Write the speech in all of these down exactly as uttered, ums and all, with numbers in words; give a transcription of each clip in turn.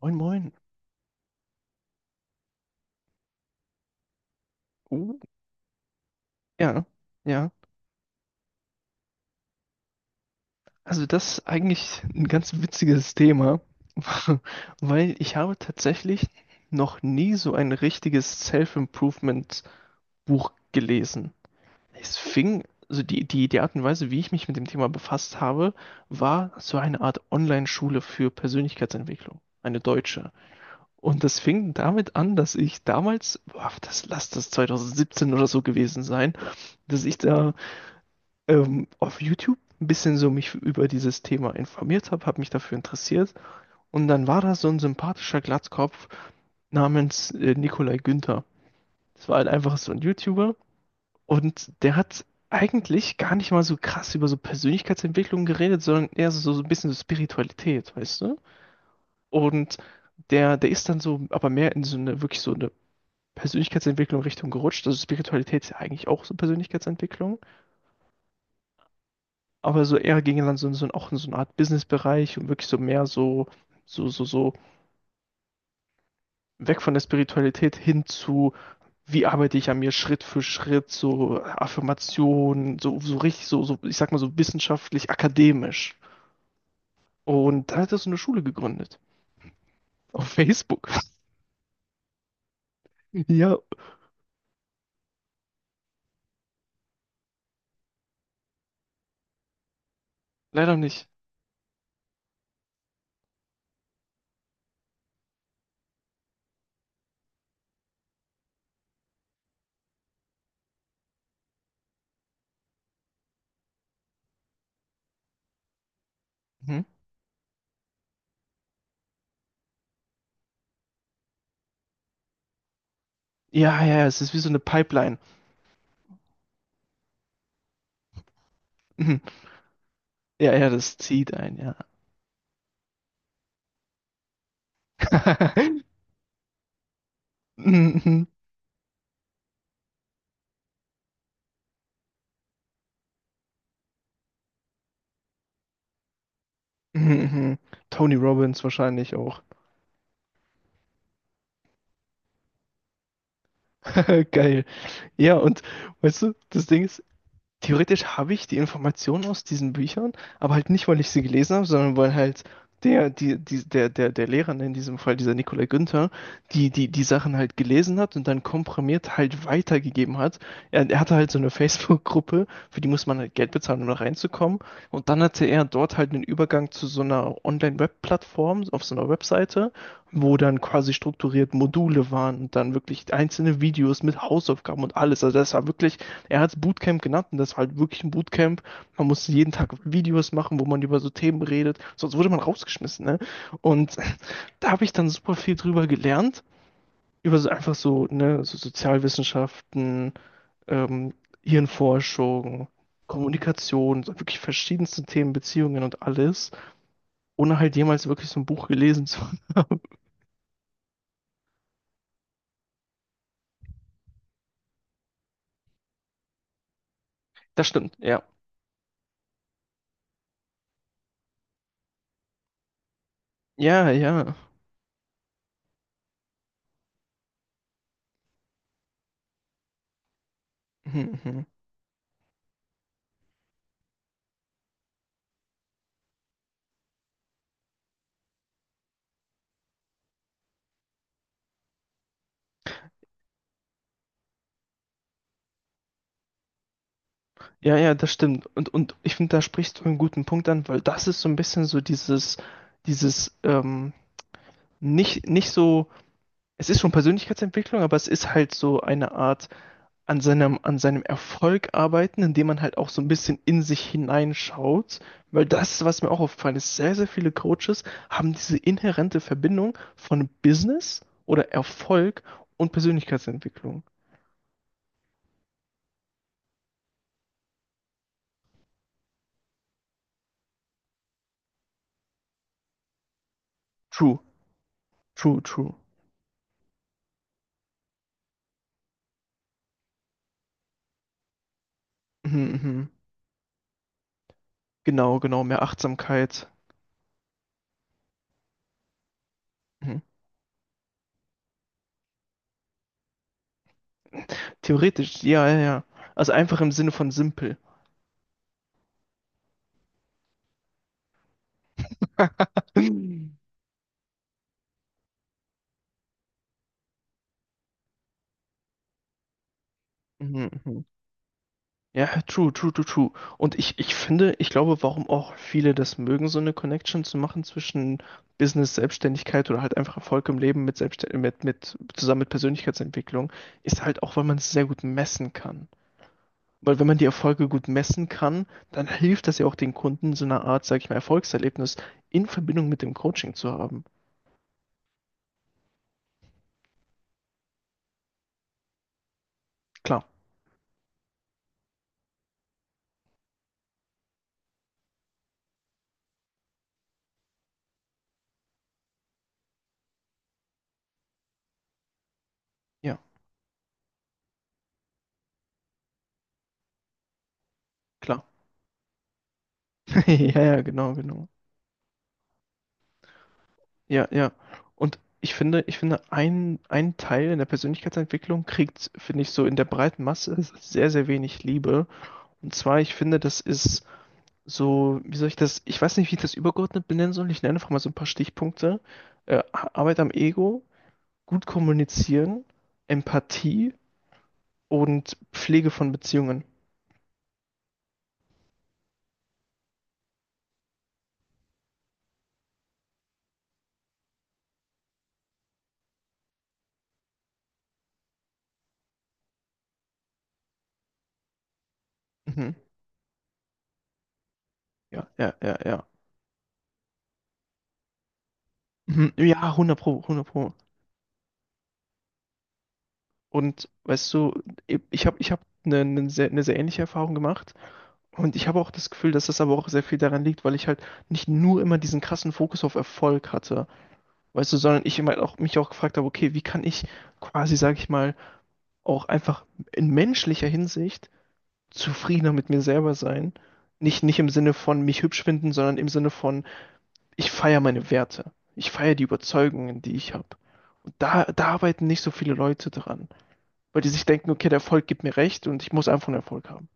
Moin, moin. Oh ja, ja. Also das ist eigentlich ein ganz witziges Thema, weil ich habe tatsächlich noch nie so ein richtiges Self-Improvement-Buch gelesen. Es fing, also die, die, die Art und Weise, wie ich mich mit dem Thema befasst habe, war so eine Art Online-Schule für Persönlichkeitsentwicklung, eine deutsche. Und das fing damit an, dass ich damals, boah, das lass das zwanzig siebzehn oder so gewesen sein, dass ich da ähm, auf YouTube ein bisschen so mich über dieses Thema informiert habe, habe mich dafür interessiert. Und dann war da so ein sympathischer Glatzkopf namens äh, Nikolai Günther. Das war halt einfach so ein YouTuber. Und der hat eigentlich gar nicht mal so krass über so Persönlichkeitsentwicklung geredet, sondern eher so, so ein bisschen so Spiritualität, weißt du? Und der, der ist dann so, aber mehr in so eine, wirklich so eine Persönlichkeitsentwicklung Richtung gerutscht. Also Spiritualität ist ja eigentlich auch so Persönlichkeitsentwicklung. Aber so eher ging dann so, so auch in so eine Art Business Bereich und wirklich so mehr so, so, so, so weg von der Spiritualität hin zu, wie arbeite ich an mir Schritt für Schritt, so Affirmationen, so, so richtig, so, so, ich sag mal so wissenschaftlich, akademisch. Und dann hat er so eine Schule gegründet. Auf Facebook. Ja, leider nicht. Mhm. Ja, ja, ja, es ist wie so eine Pipeline. Mhm. Ja, ja, das zieht ein, ja. Mhm, mhm. Mhm. Tony Robbins wahrscheinlich auch. Geil. Ja, und weißt du, das Ding ist, Theoretisch habe ich die Informationen aus diesen Büchern, aber halt nicht, weil ich sie gelesen habe, sondern weil halt der, die, die, der, der, der Lehrer, ne, in diesem Fall dieser Nikolai Günther, die, die, die Sachen halt gelesen hat und dann komprimiert halt weitergegeben hat. Er, er hatte halt so eine Facebook-Gruppe, für die muss man halt Geld bezahlen, um da reinzukommen. Und dann hatte er dort halt einen Übergang zu so einer Online-Web-Plattform auf so einer Webseite, wo dann quasi strukturiert Module waren und dann wirklich einzelne Videos mit Hausaufgaben und alles. Also das war wirklich, er hat es Bootcamp genannt und das ist halt wirklich ein Bootcamp. Man musste jeden Tag Videos machen, wo man über so Themen redet, sonst wurde man rausgeschmissen. Ne? Und da habe ich dann super viel drüber gelernt, über so einfach so, ne, so Sozialwissenschaften, ähm, Hirnforschung, Kommunikation, so wirklich verschiedenste Themen, Beziehungen und alles, ohne halt jemals wirklich so ein Buch gelesen zu haben. Das stimmt, ja. Ja, ja. Mhm, mhm. Ja, ja, das stimmt. Und, und ich finde, da sprichst du einen guten Punkt an, weil das ist so ein bisschen so dieses, dieses, ähm, nicht, nicht so, es ist schon Persönlichkeitsentwicklung, aber es ist halt so eine Art an seinem, an seinem Erfolg arbeiten, indem man halt auch so ein bisschen in sich hineinschaut. Weil das, was mir auch aufgefallen ist, sehr, sehr viele Coaches haben diese inhärente Verbindung von Business oder Erfolg und Persönlichkeitsentwicklung. True, true, true. Mhm, mhm. Genau, genau, mehr Achtsamkeit. Mhm. Theoretisch, ja, ja, ja. Also einfach im Sinne von simpel. Mhm, mhm. Ja, true, true, true, true. Und ich, ich finde, ich glaube, warum auch viele das mögen, so eine Connection zu machen zwischen Business, Selbstständigkeit oder halt einfach Erfolg im Leben mit Selbstständ mit, mit, zusammen mit Persönlichkeitsentwicklung, ist halt auch, weil man es sehr gut messen kann. Weil wenn man die Erfolge gut messen kann, dann hilft das ja auch den Kunden, so eine Art, sag ich mal, Erfolgserlebnis in Verbindung mit dem Coaching zu haben. Klar, ja, klar. Ja, ja, genau, genau. Ja, ja. Und ich finde, ich finde, ein, ein Teil in der Persönlichkeitsentwicklung kriegt, finde ich, so in der breiten Masse sehr, sehr wenig Liebe. Und zwar, ich finde, das ist so, wie soll ich das, ich weiß nicht, wie ich das übergeordnet benennen soll. Ich nenne einfach mal so ein paar Stichpunkte. Äh, Arbeit am Ego, gut kommunizieren, Empathie und Pflege von Beziehungen. Mhm. Ja, ja, ja, ja. Mhm. Ja, hundert Pro, hundert Pro. Und weißt du, ich habe ich hab eine, eine sehr, eine sehr ähnliche Erfahrung gemacht. Und ich habe auch das Gefühl, dass das aber auch sehr viel daran liegt, weil ich halt nicht nur immer diesen krassen Fokus auf Erfolg hatte, weißt du, sondern ich immer auch, mich auch gefragt habe, okay, wie kann ich quasi, sage ich mal, auch einfach in menschlicher Hinsicht zufriedener mit mir selber sein? Nicht, nicht im Sinne von mich hübsch finden, sondern im Sinne von, ich feiere meine Werte. Ich feiere die Überzeugungen, die ich habe. Und da, da arbeiten nicht so viele Leute dran, weil die sich denken, okay, der Erfolg gibt mir recht und ich muss einfach einen Erfolg haben.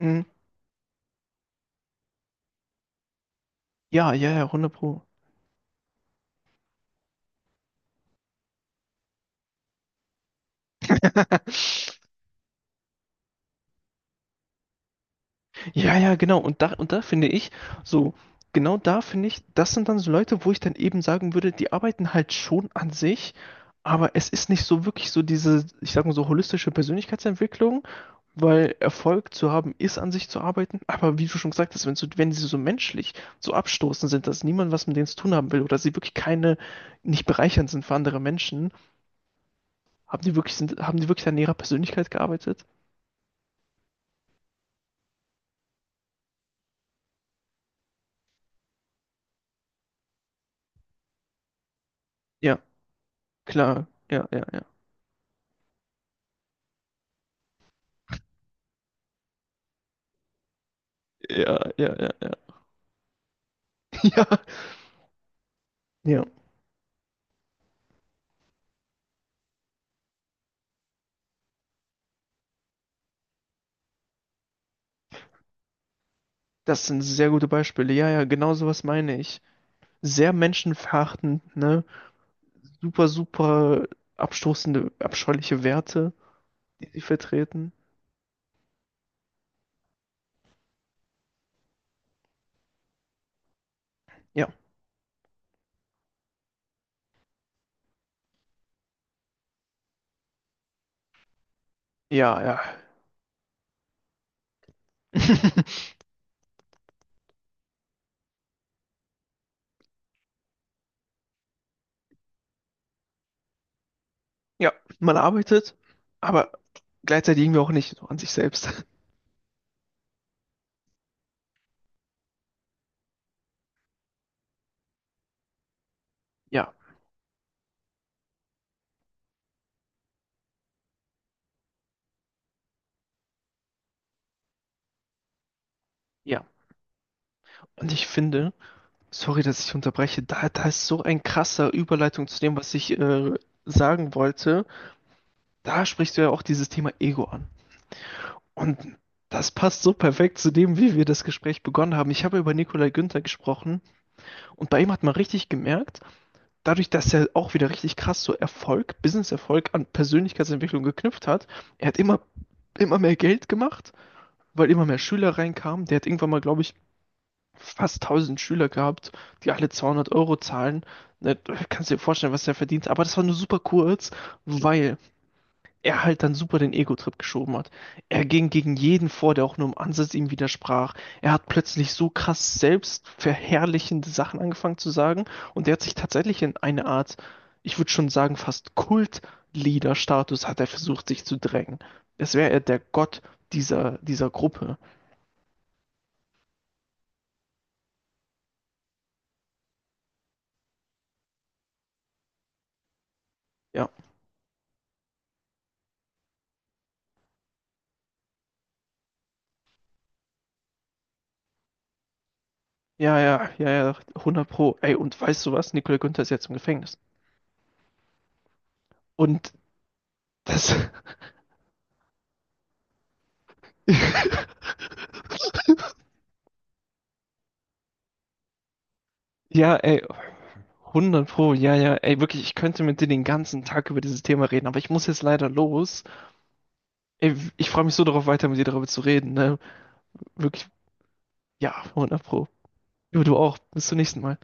Mhm. Ja, ja, ja, hundert Pro. Ja, ja, genau. Und da, und da finde ich, so, genau da finde ich, das sind dann so Leute, wo ich dann eben sagen würde, die arbeiten halt schon an sich, aber es ist nicht so wirklich so diese, ich sag mal so, holistische Persönlichkeitsentwicklung, weil Erfolg zu haben ist, an sich zu arbeiten. Aber wie du schon gesagt hast, wenn, so, wenn sie so menschlich so abstoßend sind, dass niemand was mit denen zu tun haben will oder sie wirklich keine, nicht bereichernd sind für andere Menschen, haben die wirklich, sind, haben die wirklich an ihrer Persönlichkeit gearbeitet? Ja, klar. Ja, ja, ja. Ja, ja, ja, ja. Ja. Ja, das sind sehr gute Beispiele. Ja, ja, genau sowas meine ich. Sehr menschenverachtend, ne? Super, super abstoßende, abscheuliche Werte, die sie vertreten. Ja, ja, ja. Ja, man arbeitet, aber gleichzeitig irgendwie auch nicht so an sich selbst. Ja, ja. Und ich finde, sorry, dass ich unterbreche, da, da ist so ein krasser Überleitung zu dem, was ich äh, sagen wollte. Da sprichst du ja auch dieses Thema Ego an. Und das passt so perfekt zu dem, wie wir das Gespräch begonnen haben. Ich habe über Nikolai Günther gesprochen und bei ihm hat man richtig gemerkt, dadurch, dass er auch wieder richtig krass so Erfolg, Business-Erfolg an Persönlichkeitsentwicklung geknüpft hat, er hat immer, immer mehr Geld gemacht, weil immer mehr Schüler reinkamen. Der hat irgendwann mal, glaube ich, fast tausend Schüler gehabt, die alle zweihundert Euro zahlen. Ne, kannst dir vorstellen, was der verdient. Aber das war nur super kurz, weil er halt dann super den Ego-Trip geschoben hat. Er ging gegen jeden vor, der auch nur im Ansatz ihm widersprach. Er hat plötzlich so krass selbstverherrlichende Sachen angefangen zu sagen und er hat sich tatsächlich in eine Art, ich würde schon sagen, fast Kult-Leader-Status hat er versucht, sich zu drängen. Es wäre er der Gott dieser, dieser Gruppe. Ja, ja, ja, ja, ja, hundert Pro. Ey, und weißt du was? Nicola Günther ist jetzt im Gefängnis. Und das, ja, ey, hundert Pro, ja, ja. Ey, wirklich, ich könnte mit dir den ganzen Tag über dieses Thema reden, aber ich muss jetzt leider los. Ey, ich freue mich so darauf, weiter mit dir darüber zu reden, ne? Wirklich, ja, hundert Pro. Du, du auch. Bis zum nächsten Mal.